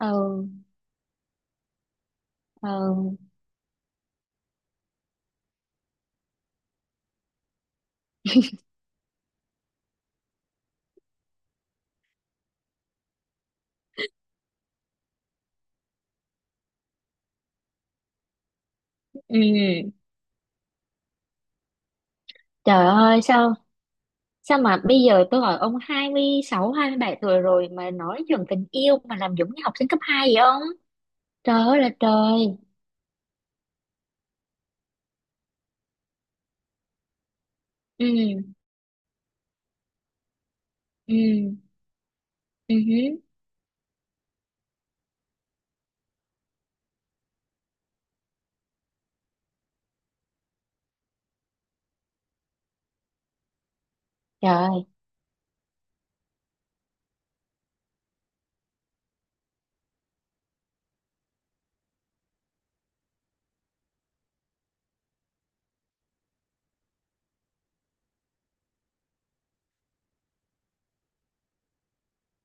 Ừ. Ừ. Ừ. Trời ơi, sao sao mà bây giờ tôi hỏi ông hai 26 27 tuổi rồi mà nói chuyện tình yêu mà làm giống như học sinh cấp 2 vậy ông. Trời ơi là trời. Ừ. Ừ. Ừ hứ. Trời.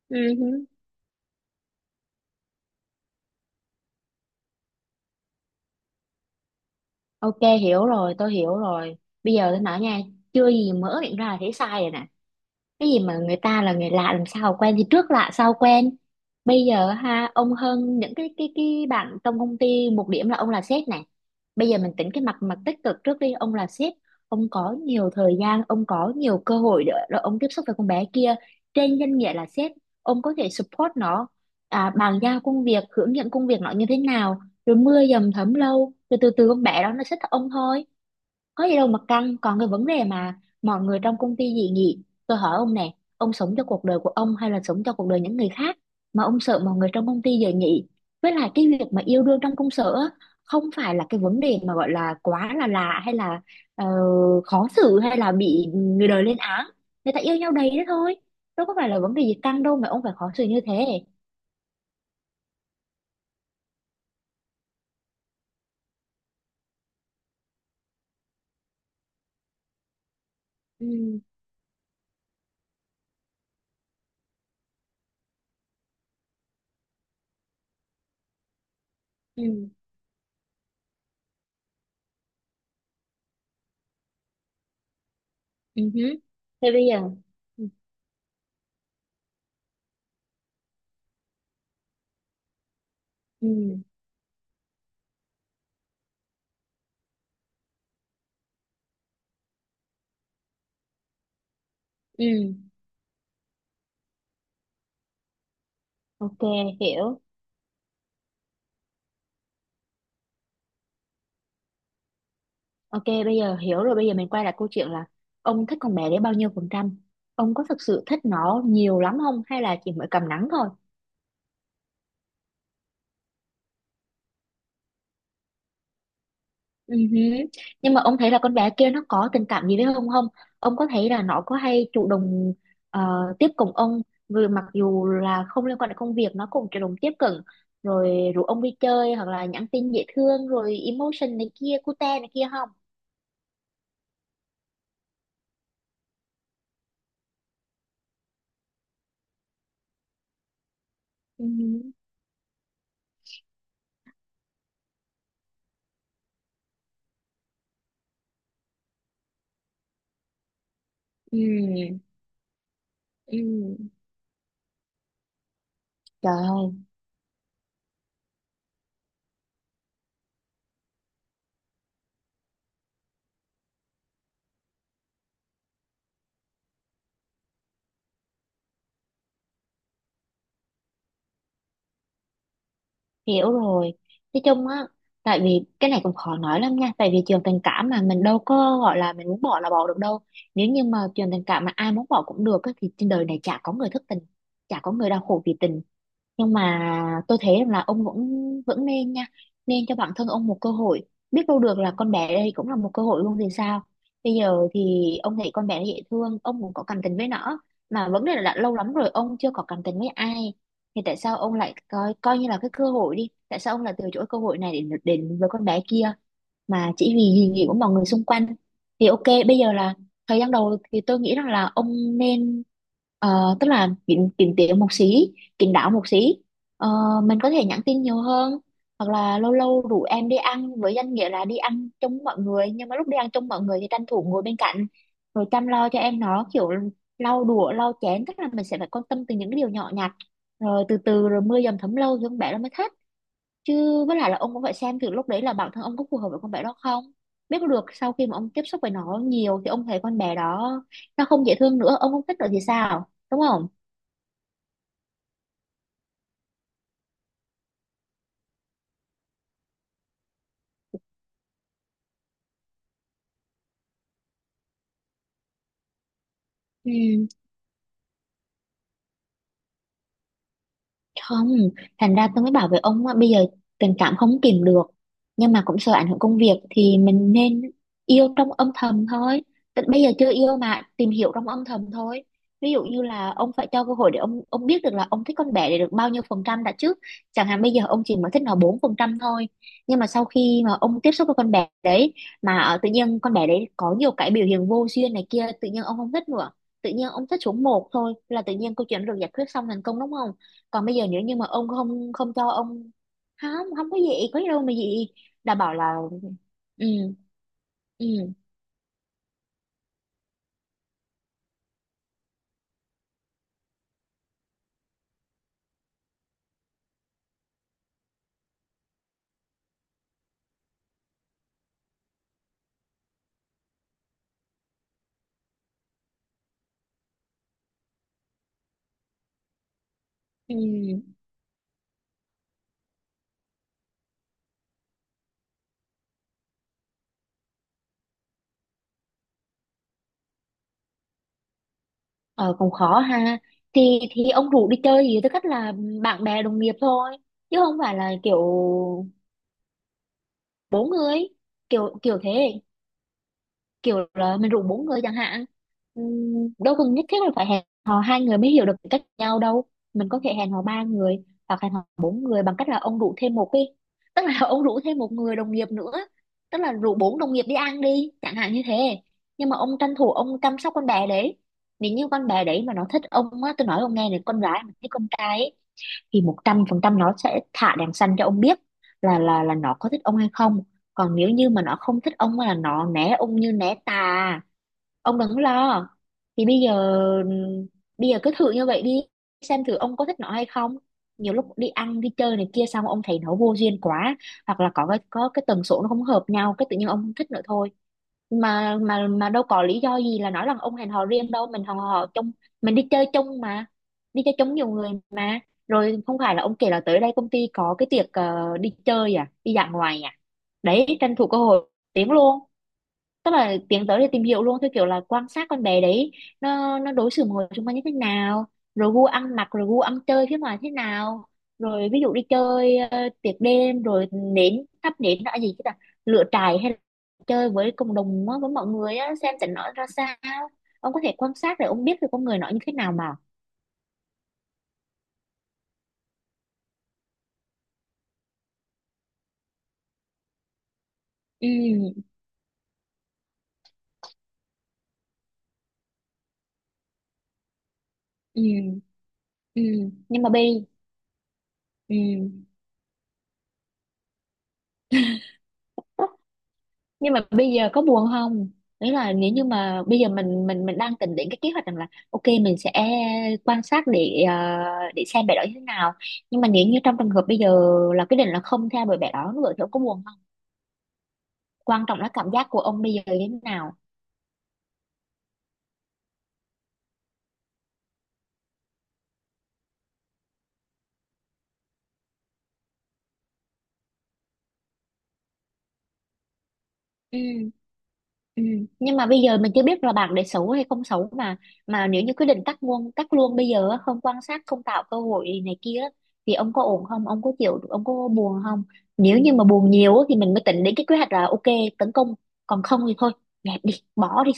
Ừ hứ. Ok, hiểu rồi, tôi hiểu rồi. Bây giờ tôi nói nha. Chưa gì mở miệng ra là thấy sai rồi nè. Cái gì mà người ta là người lạ, làm sao quen thì trước lạ sau quen. Bây giờ ha, ông hơn những cái bạn trong công ty một điểm là ông là sếp này. Bây giờ mình tính cái mặt mặt tích cực trước đi, ông là sếp. Ông có nhiều thời gian, ông có nhiều cơ hội để ông tiếp xúc với con bé kia. Trên danh nghĩa là sếp, ông có thể support nó, à, bàn giao công việc, hướng dẫn công việc nó như thế nào. Rồi mưa dầm thấm lâu, rồi từ từ con bé đó nó sẽ thích ông thôi. Có gì đâu mà căng. Còn cái vấn đề mà mọi người trong công ty dị nghị, tôi hỏi ông nè, ông sống cho cuộc đời của ông hay là sống cho cuộc đời những người khác? Mà ông sợ mọi người trong công ty dị nghị. Với lại cái việc mà yêu đương trong công sở á, không phải là cái vấn đề mà gọi là quá là lạ hay là ờ, khó xử hay là bị người đời lên án. Người ta yêu nhau đầy đó thôi, đâu có phải là vấn đề gì căng đâu mà ông phải khó xử như thế. Ừ. Ừ. Ừ hứ. Thế bây giờ. Ừ. Ừ. Ừ. ok hiểu Ok, bây giờ hiểu rồi, bây giờ mình quay lại câu chuyện là ông thích con bé đấy bao nhiêu phần trăm? Ông có thực sự thích nó nhiều lắm không hay là chỉ mới cầm nắng thôi? Ừ hứ. Nhưng mà ông thấy là con bé kia nó có tình cảm gì với ông không? Ông có thấy là nó có hay chủ động ờ, tiếp cận ông, vừa mặc dù là không liên quan đến công việc nó cũng chủ động tiếp cận, rồi rủ ông đi chơi hoặc là nhắn tin dễ thương rồi emotion này kia cute này kia không? Ừ hứ. Ừ. Ừ. Trời ơi, hiểu rồi. Nói chung á, tại vì cái này cũng khó nói lắm nha, tại vì trường tình cảm mà mình đâu có gọi là mình muốn bỏ là bỏ được đâu. Nếu như mà trường tình cảm mà ai muốn bỏ cũng được á, thì trên đời này chả có người thất tình, chả có người đau khổ vì tình. Nhưng mà tôi thấy rằng là ông vẫn vẫn nên nha, nên cho bản thân ông một cơ hội. Biết đâu được là con bé đây cũng là một cơ hội luôn thì sao. Bây giờ thì ông thấy con bé này dễ thương, ông cũng có cảm tình với nó, mà vấn đề là đã lâu lắm rồi ông chưa có cảm tình với ai. Thì tại sao ông lại coi coi như là cái cơ hội đi? Tại sao ông lại từ chối cơ hội này để đến với con bé kia mà chỉ vì kỳ nghỉ của mọi người xung quanh? Thì ok, bây giờ là thời gian đầu thì tôi nghĩ rằng là ông nên tức là kín kín tiếng một xí, kín đáo một xí. Ờ, mình có thể nhắn tin nhiều hơn, hoặc là lâu lâu rủ em đi ăn với danh nghĩa là đi ăn chung mọi người, nhưng mà lúc đi ăn chung mọi người thì tranh thủ ngồi bên cạnh, rồi chăm lo cho em nó, kiểu lau đũa lau chén, tức là mình sẽ phải quan tâm từ những cái điều nhỏ nhặt. Rồi từ từ, rồi mưa dầm thấm lâu thì con bé nó mới thích chứ. Với lại là ông cũng phải xem từ lúc đấy là bản thân ông có phù hợp với con bé đó không. Biết được sau khi mà ông tiếp xúc với nó nhiều thì ông thấy con bé đó nó không dễ thương nữa, ông không thích nữa thì sao, đúng không? Ừ. Không. Thành ra tôi mới bảo với ông á, bây giờ tình cảm không kìm được, nhưng mà cũng sợ ảnh hưởng công việc thì mình nên yêu trong âm thầm thôi. Tức bây giờ chưa yêu mà tìm hiểu trong âm thầm thôi. Ví dụ như là ông phải cho cơ hội để ông biết được là ông thích con bé để được bao nhiêu phần trăm đã trước, chẳng hạn bây giờ ông chỉ mới thích nó 4% thôi. Nhưng mà sau khi mà ông tiếp xúc với con bé đấy mà tự nhiên con bé đấy có nhiều cái biểu hiện vô duyên này kia, tự nhiên ông không thích nữa, tự nhiên ông thích xuống một thôi, là tự nhiên câu chuyện được giải quyết xong thành công, đúng không? Còn bây giờ nữa, nhưng mà ông không không cho ông. Không. Không có gì, có gì đâu mà gì. Đã bảo là. Ừ. Ừ. Ừ. Ờ, cũng khó ha. Thì ông rủ đi chơi gì tư cách là bạn bè đồng nghiệp thôi, chứ không phải là kiểu bốn người, kiểu kiểu thế, kiểu là mình rủ bốn người chẳng hạn. Đâu cần nhất thiết là phải hẹn hò hai người mới hiểu được tính cách nhau đâu. Mình có thể hẹn hò ba người hoặc hẹn hò bốn người bằng cách là ông rủ thêm một đi, tức là ông rủ thêm một người đồng nghiệp nữa, tức là rủ bốn đồng nghiệp đi ăn đi chẳng hạn như thế. Nhưng mà ông tranh thủ ông chăm sóc con bé đấy. Nếu như con bé đấy mà nó thích ông á, tôi nói ông nghe này, con gái mà thích con trai ấy, thì 100% nó sẽ thả đèn xanh cho ông biết là nó có thích ông hay không. Còn nếu như mà nó không thích ông là nó né ông như né tà, ông đừng có lo. Thì bây giờ cứ thử như vậy đi, xem thử ông có thích nó hay không. Nhiều lúc đi ăn đi chơi này kia xong ông thấy nó vô duyên quá, hoặc là có cái tần số nó không hợp nhau cái tự nhiên ông không thích nữa thôi. Mà đâu có lý do gì là nói rằng ông hẹn hò riêng đâu, mình hẹn hò chung, mình đi chơi chung mà, đi chơi chung nhiều người mà. Rồi không phải là ông kể là tới đây công ty có cái tiệc đi chơi à đi dã ngoại à, đấy tranh thủ cơ hội tiếng luôn, tức là tiến tới để tìm hiểu luôn theo kiểu là quan sát con bé đấy nó đối xử mọi người xung quanh như thế nào, rồi gu ăn mặc, rồi gu ăn chơi phía ngoài thế nào, rồi ví dụ đi chơi tiệc đêm, rồi nến thắp nến là gì chứ, là lửa trại hay là chơi với cộng đồng á, với mọi người á, xem tình nó ra sao. Ông có thể quan sát để ông biết được con người nó như thế nào mà. Ừ. Ừ. Ừ. nhưng mà bi Ừ, nhưng mà bây giờ có buồn không? Đấy là nếu như mà bây giờ mình đang tính đến cái kế hoạch rằng là ok mình sẽ quan sát để xem bé đó như thế nào, nhưng mà nếu như trong trường hợp bây giờ là quyết định là không theo đuổi bé đó nữa thì ông có buồn không? Quan trọng là cảm giác của ông bây giờ như thế nào. Ừ. Ừ. Nhưng mà bây giờ mình chưa biết là bạc để xấu hay không xấu mà. Mà nếu như quyết định cắt luôn bây giờ á, không quan sát không tạo cơ hội này kia á, thì ông có ổn không, ông có chịu, ông có buồn không? Nếu như mà buồn nhiều á, thì mình mới tính đến cái kế hoạch là ok, tấn công. Còn không thì thôi, dẹp đi, bỏ đi.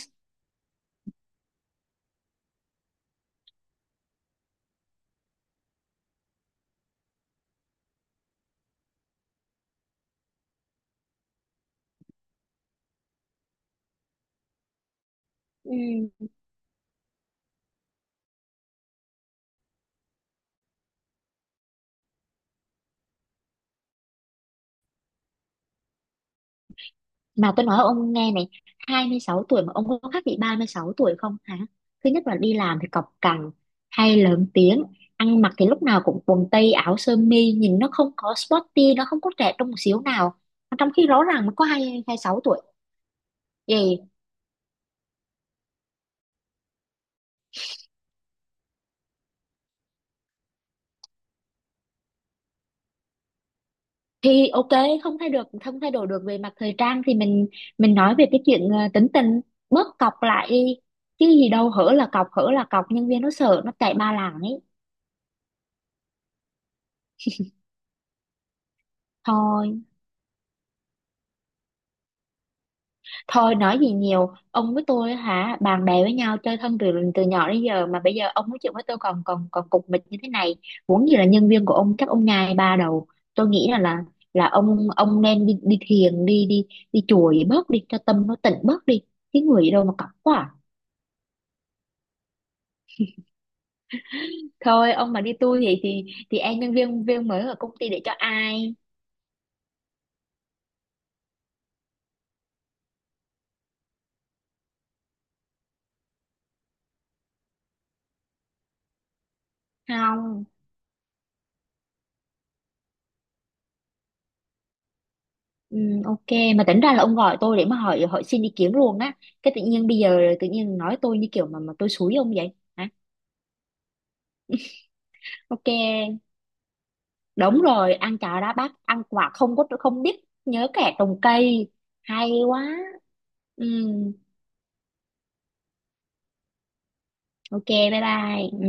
Ừ. Mà tôi nói ông nghe này, 26 tuổi mà ông có khác bị 36 tuổi không hả? Thứ nhất là đi làm thì cọc cằn, hay lớn tiếng, ăn mặc thì lúc nào cũng quần tây áo sơ mi, nhìn nó không có sporty, nó không có trẻ trung một xíu nào. Mà trong khi rõ ràng nó có 2, 26 tuổi. Vậy thì ok, không thay được, không thay đổi được về mặt thời trang thì mình nói về cái chuyện tính tình, bớt cọc lại đi. Chứ gì đâu, hở là cọc, nhân viên nó sợ, nó chạy ba làng ấy. Thôi Thôi nói gì nhiều, ông với tôi á hả, bạn bè với nhau chơi thân từ từ nhỏ đến giờ mà bây giờ ông nói chuyện với tôi còn còn còn cục mịch như thế này, muốn gì là nhân viên của ông chắc ông nhai ba đầu. Tôi nghĩ là ông nên đi đi thiền, đi đi đi chùa gì bớt đi cho tâm nó tịnh bớt đi. Cái người gì đâu mà cọc quá. À. Thôi ông mà đi tour vậy thì em nhân viên viên mới ở công ty để cho ai? Không. Ừ, ok. Mà tính ra là ông gọi tôi để mà hỏi hỏi xin ý kiến luôn á, cái tự nhiên bây giờ tự nhiên nói tôi như kiểu mà tôi xúi ông vậy. Ok, đúng rồi, ăn cháo đá bát, ăn quả không có không biết nhớ kẻ trồng cây. Hay quá. Ừ, ok, bye bye.